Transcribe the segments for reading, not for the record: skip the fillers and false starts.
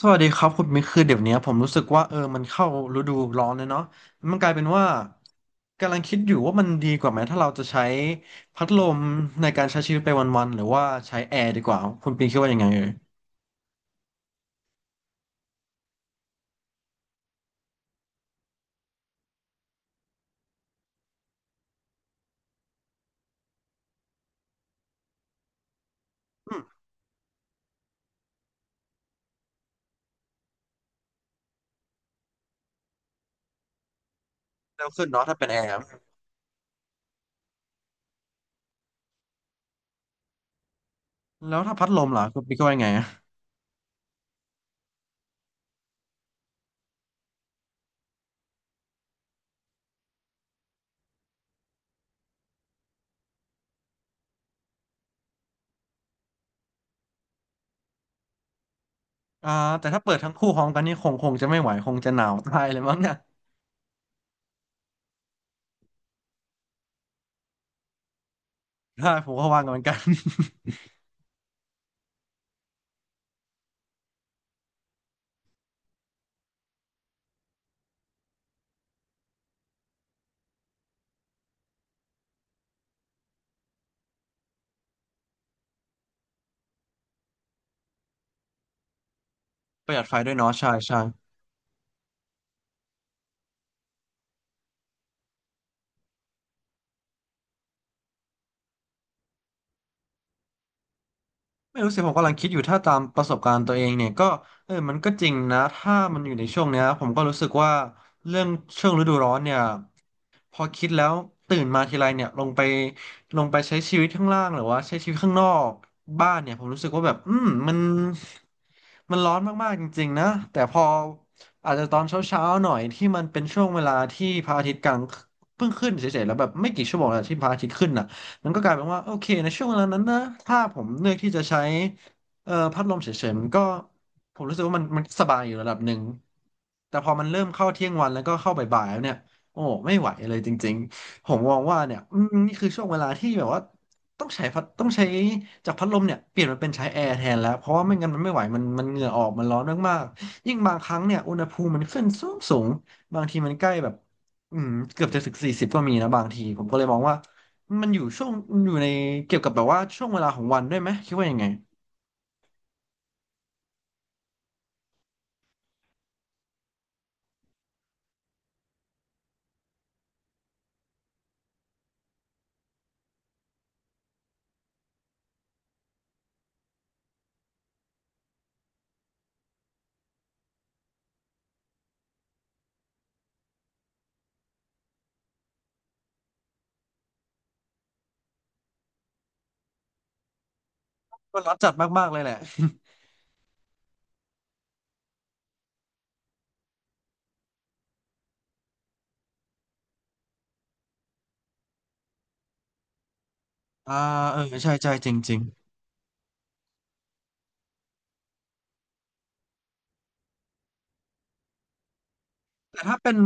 สวัสดีครับคุณมิกคือเดี๋ยวเนี้ยผมรู้สึกว่ามันเข้าฤดูร้อนเลยเนาะมันกลายเป็นว่ากำลังคิดอยู่ว่ามันดีกว่าไหมถ้าเราจะใช้พัดลมในการใช้ชีวิตไปวันๆหรือว่าใช้แอร์ดีกว่าคุณปิงคิดว่ายังไงเอ่ยอืมเร็วขึ้นเนาะถ้าเป็นแอร์แล้วถ้าพัดลมล่ะคุณปิงคิดว่ายังไงอะอ่าแต่ถ้าเปิดทั้งคู่พร้อมกันนี่คงจะไม่ไหวคงจะหนาวตายเลยมั้งเนี่ยใช่ ผมก็วางกันเหมือนกัน ประหยัดไฟด้วยเนาะใช่ใช่ ไม่รู้สิผมกำลังคิดอยู่ถ้าตามประสบการณ์ตัวเองเนี่ยก็มันก็จริงนะถ้ามันอยู่ในช่วงเนี้ยผมก็รู้สึกว่าเรื่องช่วงฤดูร้อนเนี่ย พอคิดแล้วตื่นมาทีไรเนี่ยลงไปใช้ชีวิตข้างล่างหรือว่าใช้ชีวิตข้างนอกบ้านเนี่ยผมรู้สึกว่าแบบมันร้อนมากๆจริงๆนะแต่พออาจจะตอนเช้าๆหน่อยที่มันเป็นช่วงเวลาที่พระอาทิตย์กลางเพิ่งขึ้นเฉยๆแล้วแบบไม่กี่ชั่วโมงแล้วที่พระอาทิตย์ขึ้นน่ะมันก็กลายเป็นว่าโอเคในช่วงเวลานั้นนะถ้าผมเลือกที่จะใช้พัดลมเฉยๆมันก็ผมรู้สึกว่ามันสบายอยู่ระดับหนึ่งแต่พอมันเริ่มเข้าเที่ยงวันแล้วก็เข้าบ่ายๆแล้วเนี่ย โอ้ไม่ไหวเลยจริงๆผมมองว่าเนี่ยนี่คือช่วงเวลาที่แบบว่าต้องใช้พัดต้องใช้จากพัดลมเนี่ยเปลี่ยนมาเป็นใช้แอร์แทนแล้วเพราะว่าไม่งั้นมันไม่ไหวมันเหงื่อออกมันร้อนมากๆยิ่งบางครั้งเนี่ยอุณหภูมิมันขึ้นสูงสูงบางทีมันใกล้แบบอืมเกือบจะถึง40ก็มีนะบางทีผมก็เลยมองว่ามันอยู่ช่วงอยู่ในเกี่ยวกับแบบว่าช่วงเวลาของวันด้วยไหมคิดว่ายังไงก็ร้อนจัดมากๆเลยแหละ อ่าเออใช่ใช่จริง แต่ถ้าเป็น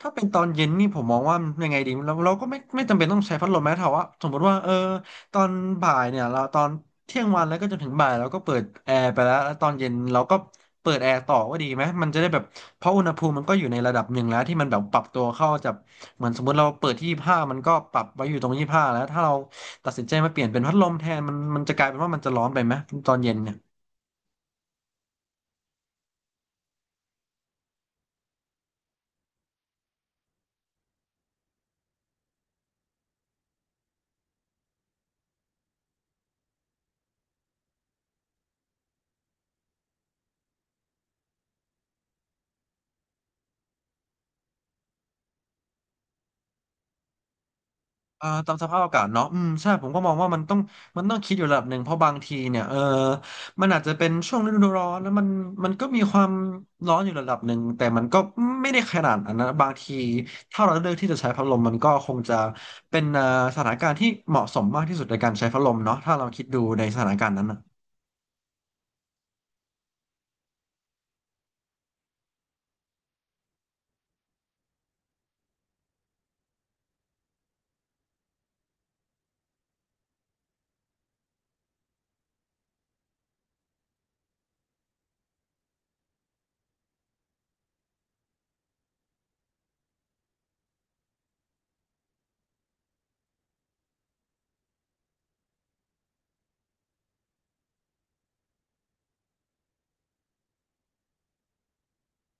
ถ้าเป็นตอนเย็นนี่ผมมองว่ายังไงดีเราก็ไม่จำเป็นต้องใช้พัดลมแม้แต่ว่าสมมติว่าตอนบ่ายเนี่ยเราตอนเที่ยงวันแล้วก็จนถึงบ่ายเราก็เปิดแอร์ไปแล้วแล้วตอนเย็นเราก็เปิดแอร์ต่อว่าดีไหมมันจะได้แบบเพราะอุณหภูมิมันก็อยู่ในระดับหนึ่งแล้วที่มันแบบปรับตัวเข้าจากเหมือนสมมติเราเปิดที่ยี่สิบห้ามันก็ปรับไว้อยู่ตรงยี่สิบห้าแล้วถ้าเราตัดสินใจมาเปลี่ยนเป็นพัดลมแทนมันจะกลายเป็นว่ามันจะร้อนไปไหมตอนเย็นเนี่ย อ่าตามสภาพอากาศเนาะอืมใช่ผมก็มองว่ามันต้องคิดอยู่ระดับหนึ่งเพราะบางทีเนี่ยมันอาจจะเป็นช่วงฤดูร้อนแล้วมันก็มีความร้อนอยู่ระดับหนึ่งแต่มันก็ไม่ได้ขนาดนั้นนะบางทีถ้าเราเลือกที่จะใช้พัดลมมันก็คงจะเป็นสถานการณ์ที่เหมาะสมมากที่สุดในการใช้พัดลมเนาะถ้าเราคิดดูในสถานการณ์นั้นนะ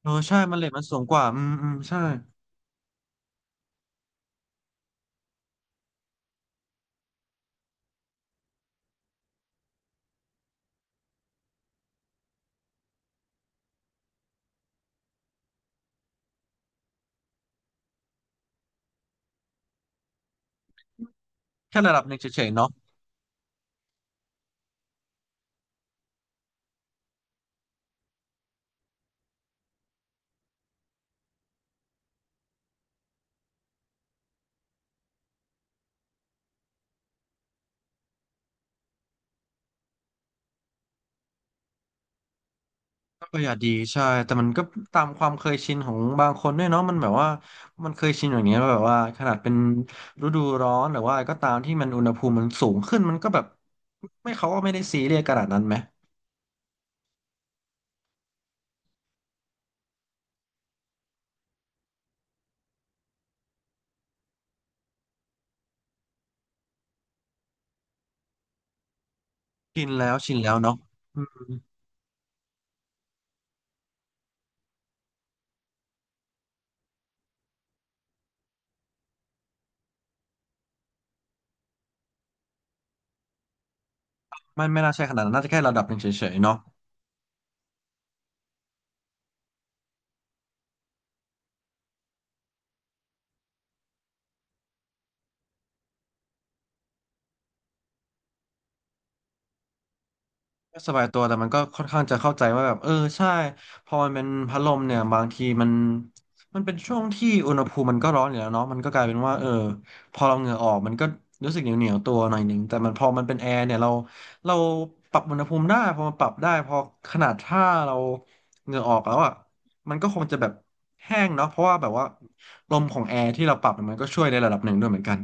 เออใช่มันเลยมันสูงกว่าอืมอืมใช่แค่ระดับหนึ่งเฉยๆเนาะ ประหยัดดีใช่แต่มันก็ตามความเคยชินของบางคนด้วยเนาะมันแบบว่ามันเคยชินอย่างเงี้ยแบบว่าขนาดเป็นฤดูร้อนหรือว่าอะไรก็ตามที่มันอุณหภูมิมันสูงขึ้นมันก็แบบไม่เขาก็ไม่ได้ซีเรียสขนาดนั้นไหมชินแล้วชินแล้วเนาะอืมมันไม่น่าใช่ขนาดนั้นน่าจะแค่ระดับหนึ่งเฉยๆเนาะ ก็สบายตัวแต่มันก็ค่อนข้างจะเข้าใจว่าแบบใช่พอมันเป็นพัดลมเนี่ยบางทีมันเป็นช่วงที่อุณหภูมิมันก็ร้อนอยู่แล้วเนาะมันก็กลายเป็นว่าพอเราเหงื่อออกมันก็รู้สึกเหนียวเหนียวตัวหน่อยหนึ่งแต่มันพอมันเป็นแอร์เนี่ยเราปรับอุณหภูมิได้พอมันปรับได้พอขนาดถ้าเราเหงื่อออกแล้วอ่ะมันก็คงจะแบบแห้งเนาะเพราะว่าแบบว่าลมของแอร์ที่เราปรับเนี่ยมันก็ช่วยในระดับหนึ่งด้วยเหมือนกัน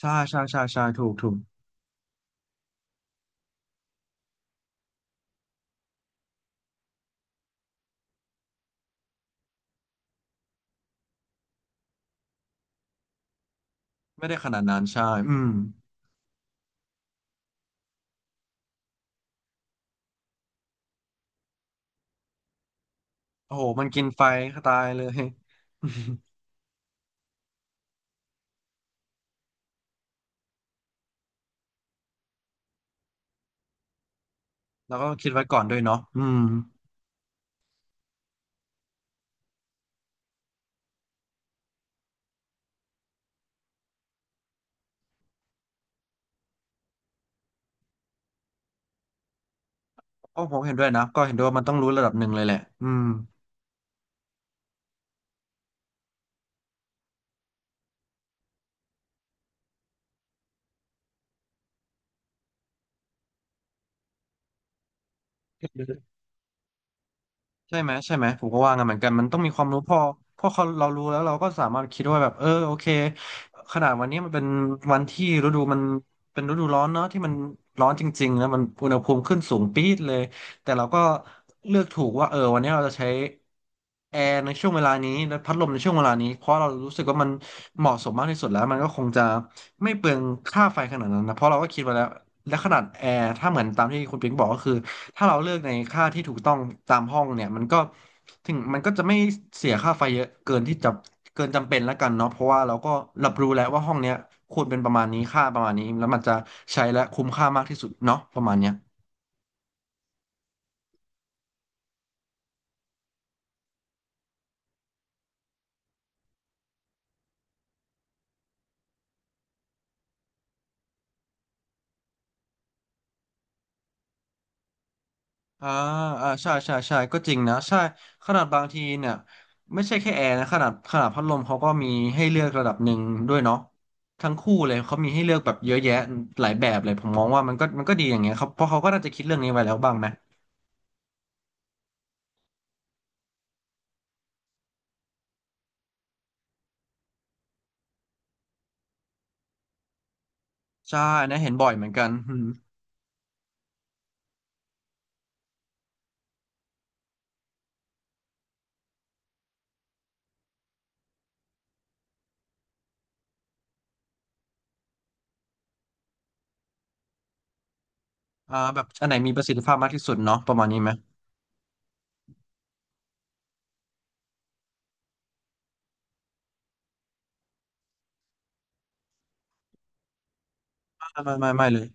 ใช่ใช่ใช่ใช่ถูกถูกไม่ได้ขนาดนั้นใช่อืม โอ้โหมันกินไฟก็ตายเลย แล้วก็คิดไว้ก่อนด้วยเนาะอืมก็ผมเห็นด้วยนะ ก็เห็นด้วยว่ามันต้องรู้ระดับหนึ่งเลยแหละอืม ใช่ไหมผมก็ว่างั้นเหมือนกันมันต้องมีความรู้พอพอเรารู้แล้วเราก็สามารถคิดว่าแบบเออโอเคขนาดวันนี้มันเป็นวันที่ฤดูมันเป็นฤดูร้อนเนาะที่มันร้อนจริงๆแล้วมันอุณหภูมิขึ้นสูงปี๊ดเลยแต่เราก็เลือกถูกว่าเออวันนี้เราจะใช้แอร์ในช่วงเวลานี้และพัดลมในช่วงเวลานี้เพราะเรารู้สึกว่ามันเหมาะสมมากที่สุดแล้วมันก็คงจะไม่เปลืองค่าไฟขนาดนั้นนะเพราะเราก็คิดไว้แล้วและขนาดแอร์ถ้าเหมือนตามที่คุณปิ๊งบอกก็คือ ถ้าเราเลือกในค่าที่ถูกต้องตามห้องเนี่ยมันก็ถึงมันก็จะไม่เสียค่าไฟเยอะเกินที่จะเกินจำเป็นแล้วกันเนาะเพราะว่าเราก็รับรู้แล้วว่าห้องเนี้ยควรเป็นประมาณนี้ค่าประมาณนี้แล้วมันจะใช้และคุ้มค่ามากที่สุดเนาะประมาณเนี้ยอ่าอ่าใช่ใช่ใช่ก็จริงนะใช่ขนาดบางทีเนี่ยไม่ใช่แค่แอร์นะขนาดพัดลมเขาก็มีให้เลือกระดับหนึ่งด้วยเนาะทั้งคู่เลยเขามีให้เลือกแบบเยอะแยะหลายแบบเลยผมมองว่ามันก็ดีอย่างเงี้ยครับเพราะเขาก็น่าจะคิดเรื่องนี้ไว้แล้วบ้างไหม ใช่อันนะเห็นบ่อยเหมือนกันอืมอ่าแบบอันไหนมีประสิทธิภาพมากที่สุดเนาะประมาณนี้ไหมไม่เลย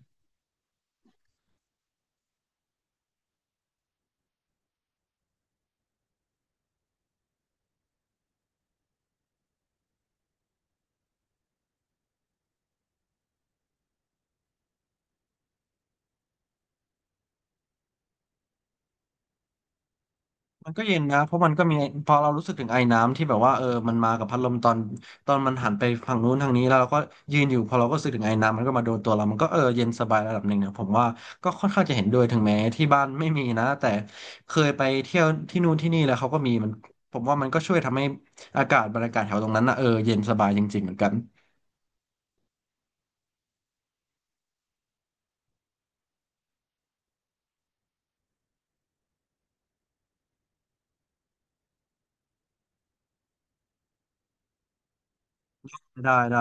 มันก็เย็นนะเพราะมันก็มีพอเรารู้สึกถึงไอน้ำที่แบบว่าเออมันมากับพัดลมตอนมันหันไปฝั่งนู้นทางนี้แล้วเราก็ยืนอยู่พอเราก็รู้สึกถึงไอน้ำมันก็มาโดนตัวเรามันก็เออเย็นสบายระดับหนึ่งเนี่ยผมว่าก็ค่อนข้างจะเห็นด้วยถึงแม้ที่บ้านไม่มีนะแต่เคยไปเที่ยวที่นู่นที่นี่แล้วเขาก็มีมันผมว่ามันก็ช่วยทำให้อากาศบรรยากาศแถวตรงนั้นนะเออเย็นสบายจริงๆเหมือนกันได้ได้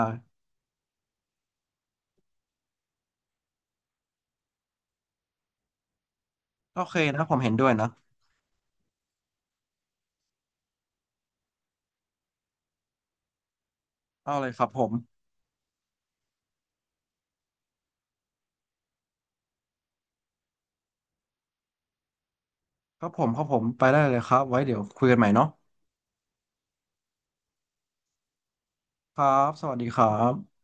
โอเคนะผมเห็นด้วยนะ เอาเลยครับผม ครับผม ครับผม ไปได้เลยครับ ไว้เดี๋ยวคุยกันใหม่เนาะครับ สวัสดีครับ